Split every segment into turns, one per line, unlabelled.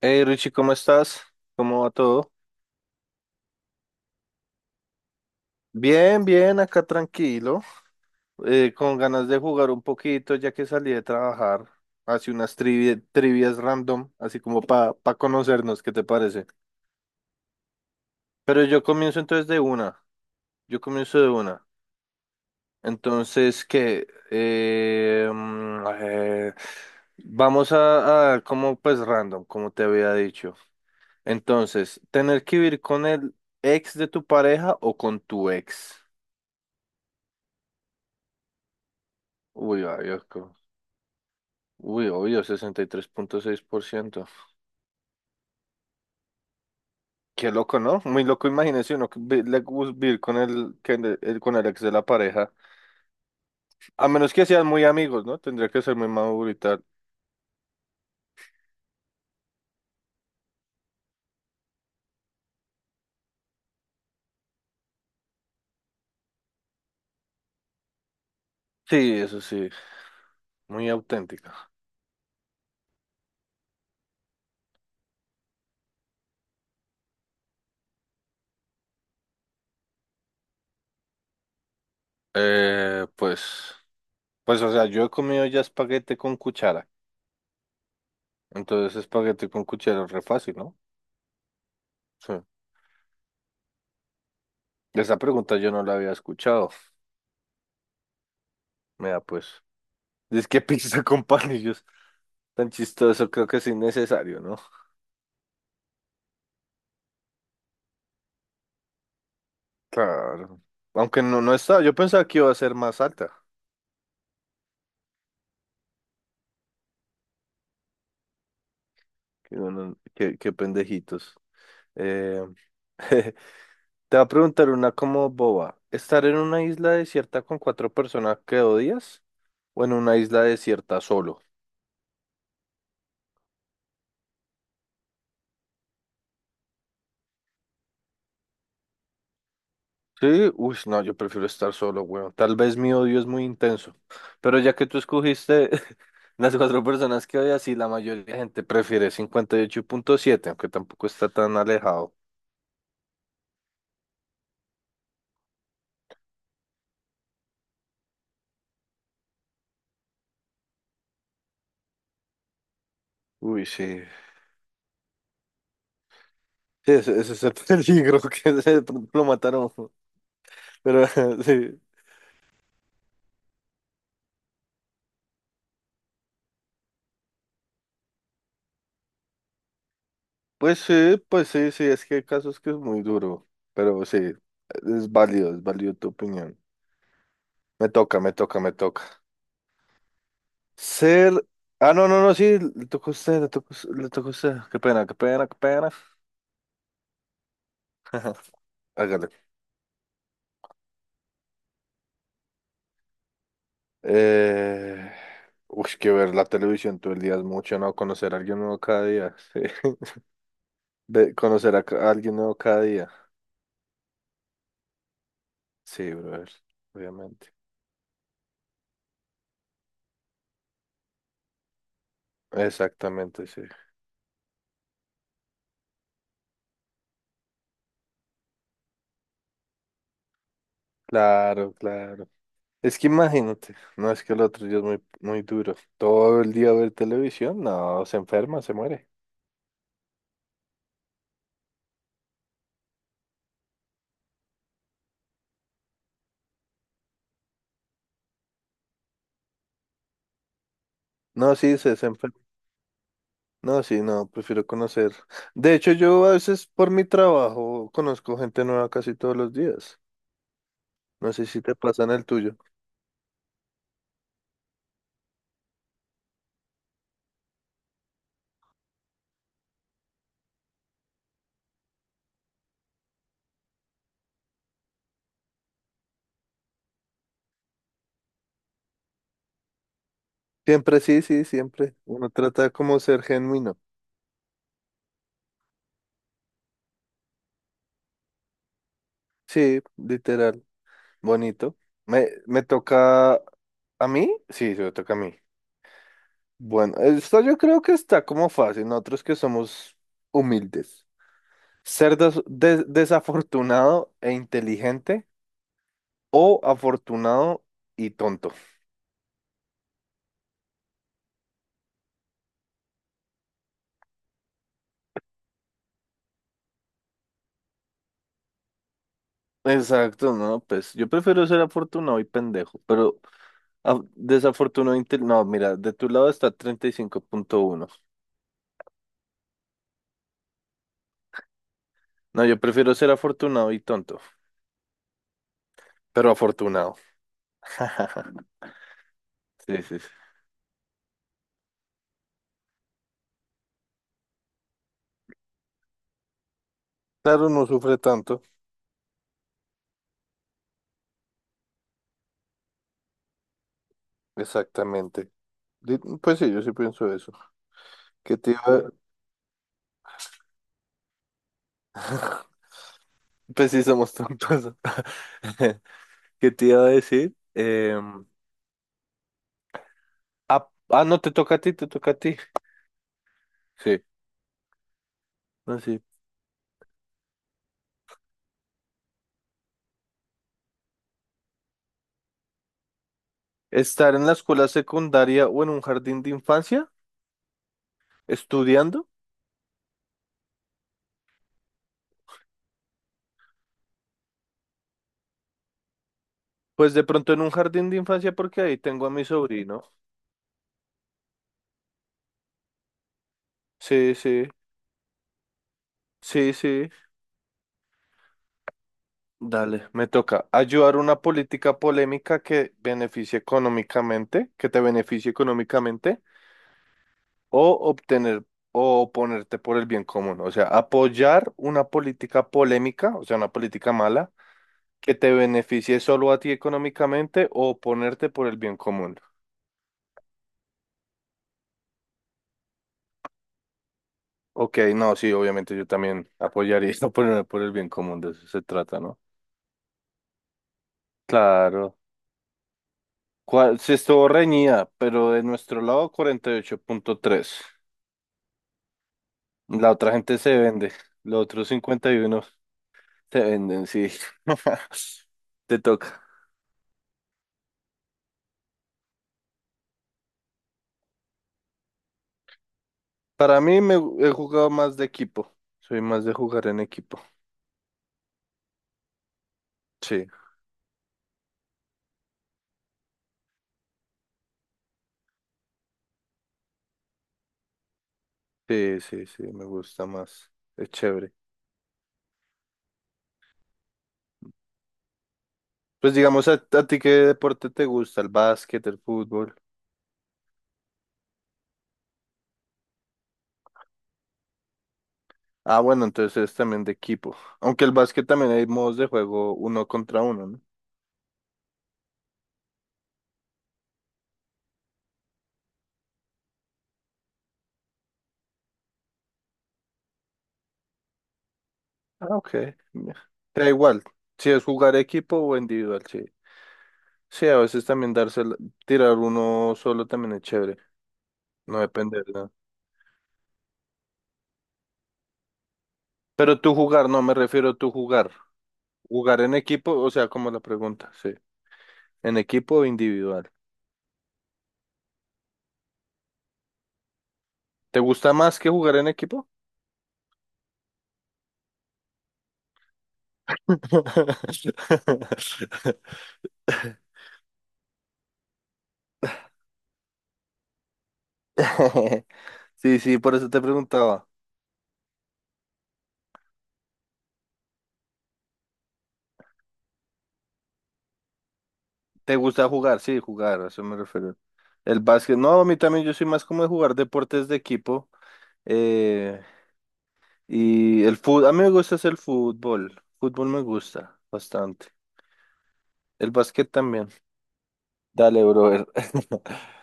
Hey Richie, ¿cómo estás? ¿Cómo va todo? Bien, bien, acá tranquilo, con ganas de jugar un poquito ya que salí de trabajar. Hace unas trivias random, así como para conocernos, ¿qué te parece? Pero yo comienzo entonces de una, yo comienzo de una. Entonces, ¿qué? Vamos a, como pues random, como te había dicho. Entonces, ¿tener que vivir con el ex de tu pareja o con tu ex? Uy, ayosco. Uy, obvio, 63,6%. Qué loco, ¿no? Muy loco, imagínese uno que vivir con el, con el ex de la pareja. A menos que sean muy amigos, ¿no? Tendría que ser muy maduro y tal. Sí, eso sí, muy auténtica. Eh, pues, pues, o sea, yo he comido ya espaguete con cuchara. Entonces, espaguete con cuchara es re fácil, ¿no? Sí. Esa pregunta yo no la había escuchado. Mira, pues, dice que pizza con palillos. Tan chistoso, creo que es innecesario, ¿no? Claro. Aunque no, no estaba, yo pensaba que iba a ser más alta. Qué, bueno, qué pendejitos. Eh, te va a preguntar una como boba. ¿Estar en una isla desierta con cuatro personas que odias o en una isla desierta solo? Sí, uy, no, yo prefiero estar solo, weón. Tal vez mi odio es muy intenso, pero ya que tú escogiste las cuatro personas que odias, y la mayoría de gente prefiere 58,7, aunque tampoco está tan alejado. Uy, sí. Sí, ese es el peligro que de pronto lo mataron. Pero sí, pues sí, pues sí, sí, es que hay casos que es muy duro. Pero sí, es válido tu opinión. Me toca, me toca, me toca. Ser. Ah, no, no, no, sí, le tocó a usted, le tocó a usted. Qué pena, qué pena, qué pena. Hágale. Eh... Uy, que ver la televisión todo el día es mucho, ¿no? Conocer a alguien nuevo cada día. Sí. Conocer a alguien nuevo cada día. Sí, brother, obviamente. Exactamente, sí. Claro, claro. Es que imagínate, no es que el otro día es muy, muy duro. Todo el día ver televisión, no, se enferma, se muere. No, sí, se enferma. No, sí, no, prefiero conocer. De hecho, yo a veces por mi trabajo conozco gente nueva casi todos los días. No sé si te pasa en el tuyo. Siempre, sí, sí, siempre. Uno trata como ser genuino. Sí, literal, bonito. Me toca a mí, sí, se me toca a mí. Bueno, esto yo creo que está como fácil, nosotros que somos humildes. Ser desafortunado e inteligente o afortunado y tonto. Exacto, no, pues yo prefiero ser afortunado y pendejo, No, mira, de tu lado está 35,1. No, yo prefiero ser afortunado y tonto, pero afortunado. Sí, sí, sí. Claro, no sufre tanto. Exactamente. Pues sí, yo sí pienso eso. que te iba... Pues sí, somos tontos. ¿Qué te iba a decir? Ah, ah, no, te toca a ti, te toca a ti. Sí, no, sí. Estar en la escuela secundaria o en un jardín de infancia, estudiando. Pues de pronto en un jardín de infancia porque ahí tengo a mi sobrino. Sí, sí, sí, sí. Dale, me toca. Ayudar una política polémica que beneficie económicamente, que te beneficie económicamente. O obtener o oponerte por el bien común, o sea, apoyar una política polémica, o sea, una política mala, que te beneficie solo a ti económicamente o oponerte por el bien común. Ok, no, sí, obviamente yo también apoyaría ponerme por el bien común, de eso se trata, ¿no? Claro. ¿Cuál? Se estuvo reñida, pero de nuestro lado 48,3. La otra gente se vende, los otros 51 se venden, sí. Te toca. Para mí me he jugado más de equipo. Soy más de jugar en equipo. Sí, sí, sí, sí, me gusta más. Es chévere. Pues digamos, ¿a ti qué deporte te gusta? ¿El básquet, el fútbol? Ah, bueno, entonces eres también de equipo. Aunque el básquet también hay modos de juego uno contra uno, ¿no? Ah, ok. Ya. Da igual, si es jugar equipo o individual, sí. Sí, a veces también darse, tirar uno solo también es chévere. No depende, ¿no? Pero tú jugar, no me refiero a tú jugar. Jugar en equipo, o sea, como la pregunta, sí. ¿En equipo o individual? ¿Te gusta más que jugar en equipo? Sí, sí, por eso te preguntaba. ¿Te gusta jugar? Sí, jugar, a eso me refiero. El básquet, no, a mí también yo soy más como de jugar deportes de equipo, eh, y el fútbol, a mí me gusta es el fútbol. Fútbol me gusta bastante. El básquet también. Dale, brother.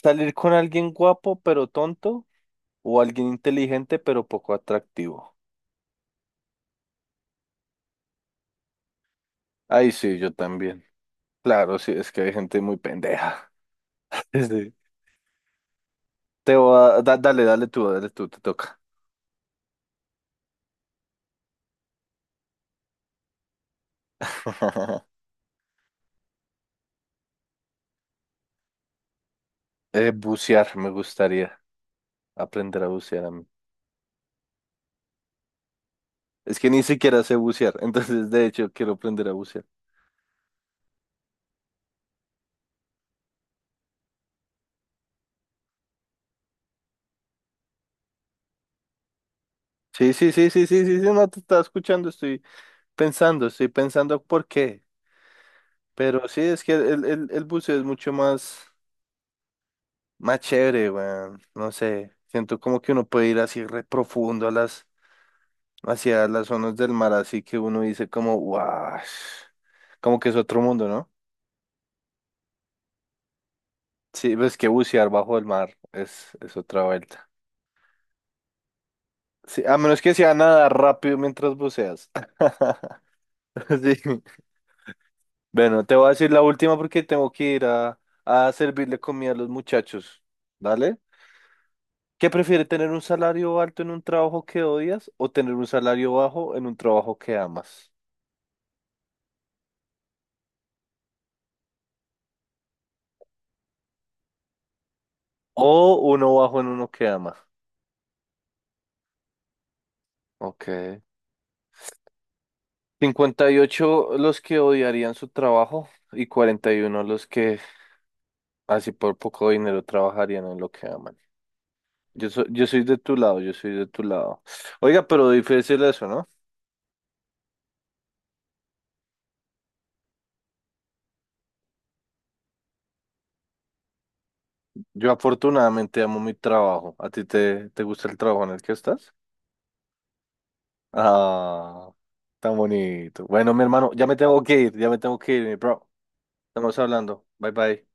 Salir con alguien guapo pero tonto o alguien inteligente pero poco atractivo. Ay, sí, yo también. Claro, sí, es que hay gente muy pendeja. Sí. Te voy a- da- dale, dale tú, te toca. Bucear, me gustaría aprender a bucear a mí. Es que ni siquiera sé bucear, entonces de hecho quiero aprender a bucear. Sí, sí, sí, sí, sí, sí, sí, no te estaba escuchando, estoy pensando por qué. Pero sí, es que el buceo es mucho más, más chévere, weón. No sé, siento como que uno puede ir así re profundo a las hacia las zonas del mar, así que uno dice como, wow, como que es otro mundo, ¿no? Sí, ves que bucear bajo el mar es otra vuelta. Sí, a menos que sea nadar rápido mientras buceas. Sí. Bueno, te voy a decir la última porque tengo que ir a servirle comida a los muchachos. ¿Dale? ¿Qué prefiere tener un salario alto en un trabajo que odias o tener un salario bajo en un trabajo que amas? O uno bajo en uno que amas. Ok, 58 los que odiarían su trabajo y 41 los que así por poco dinero trabajarían en lo que aman. Yo soy de tu lado, yo soy de tu lado. Oiga, pero difícil eso, ¿no? Yo afortunadamente amo mi trabajo. ¿A ti te gusta el trabajo en el que estás? Ah, tan bonito. Bueno, mi hermano, ya me tengo que ir, ya me tengo que ir, mi bro. Estamos hablando. Bye bye.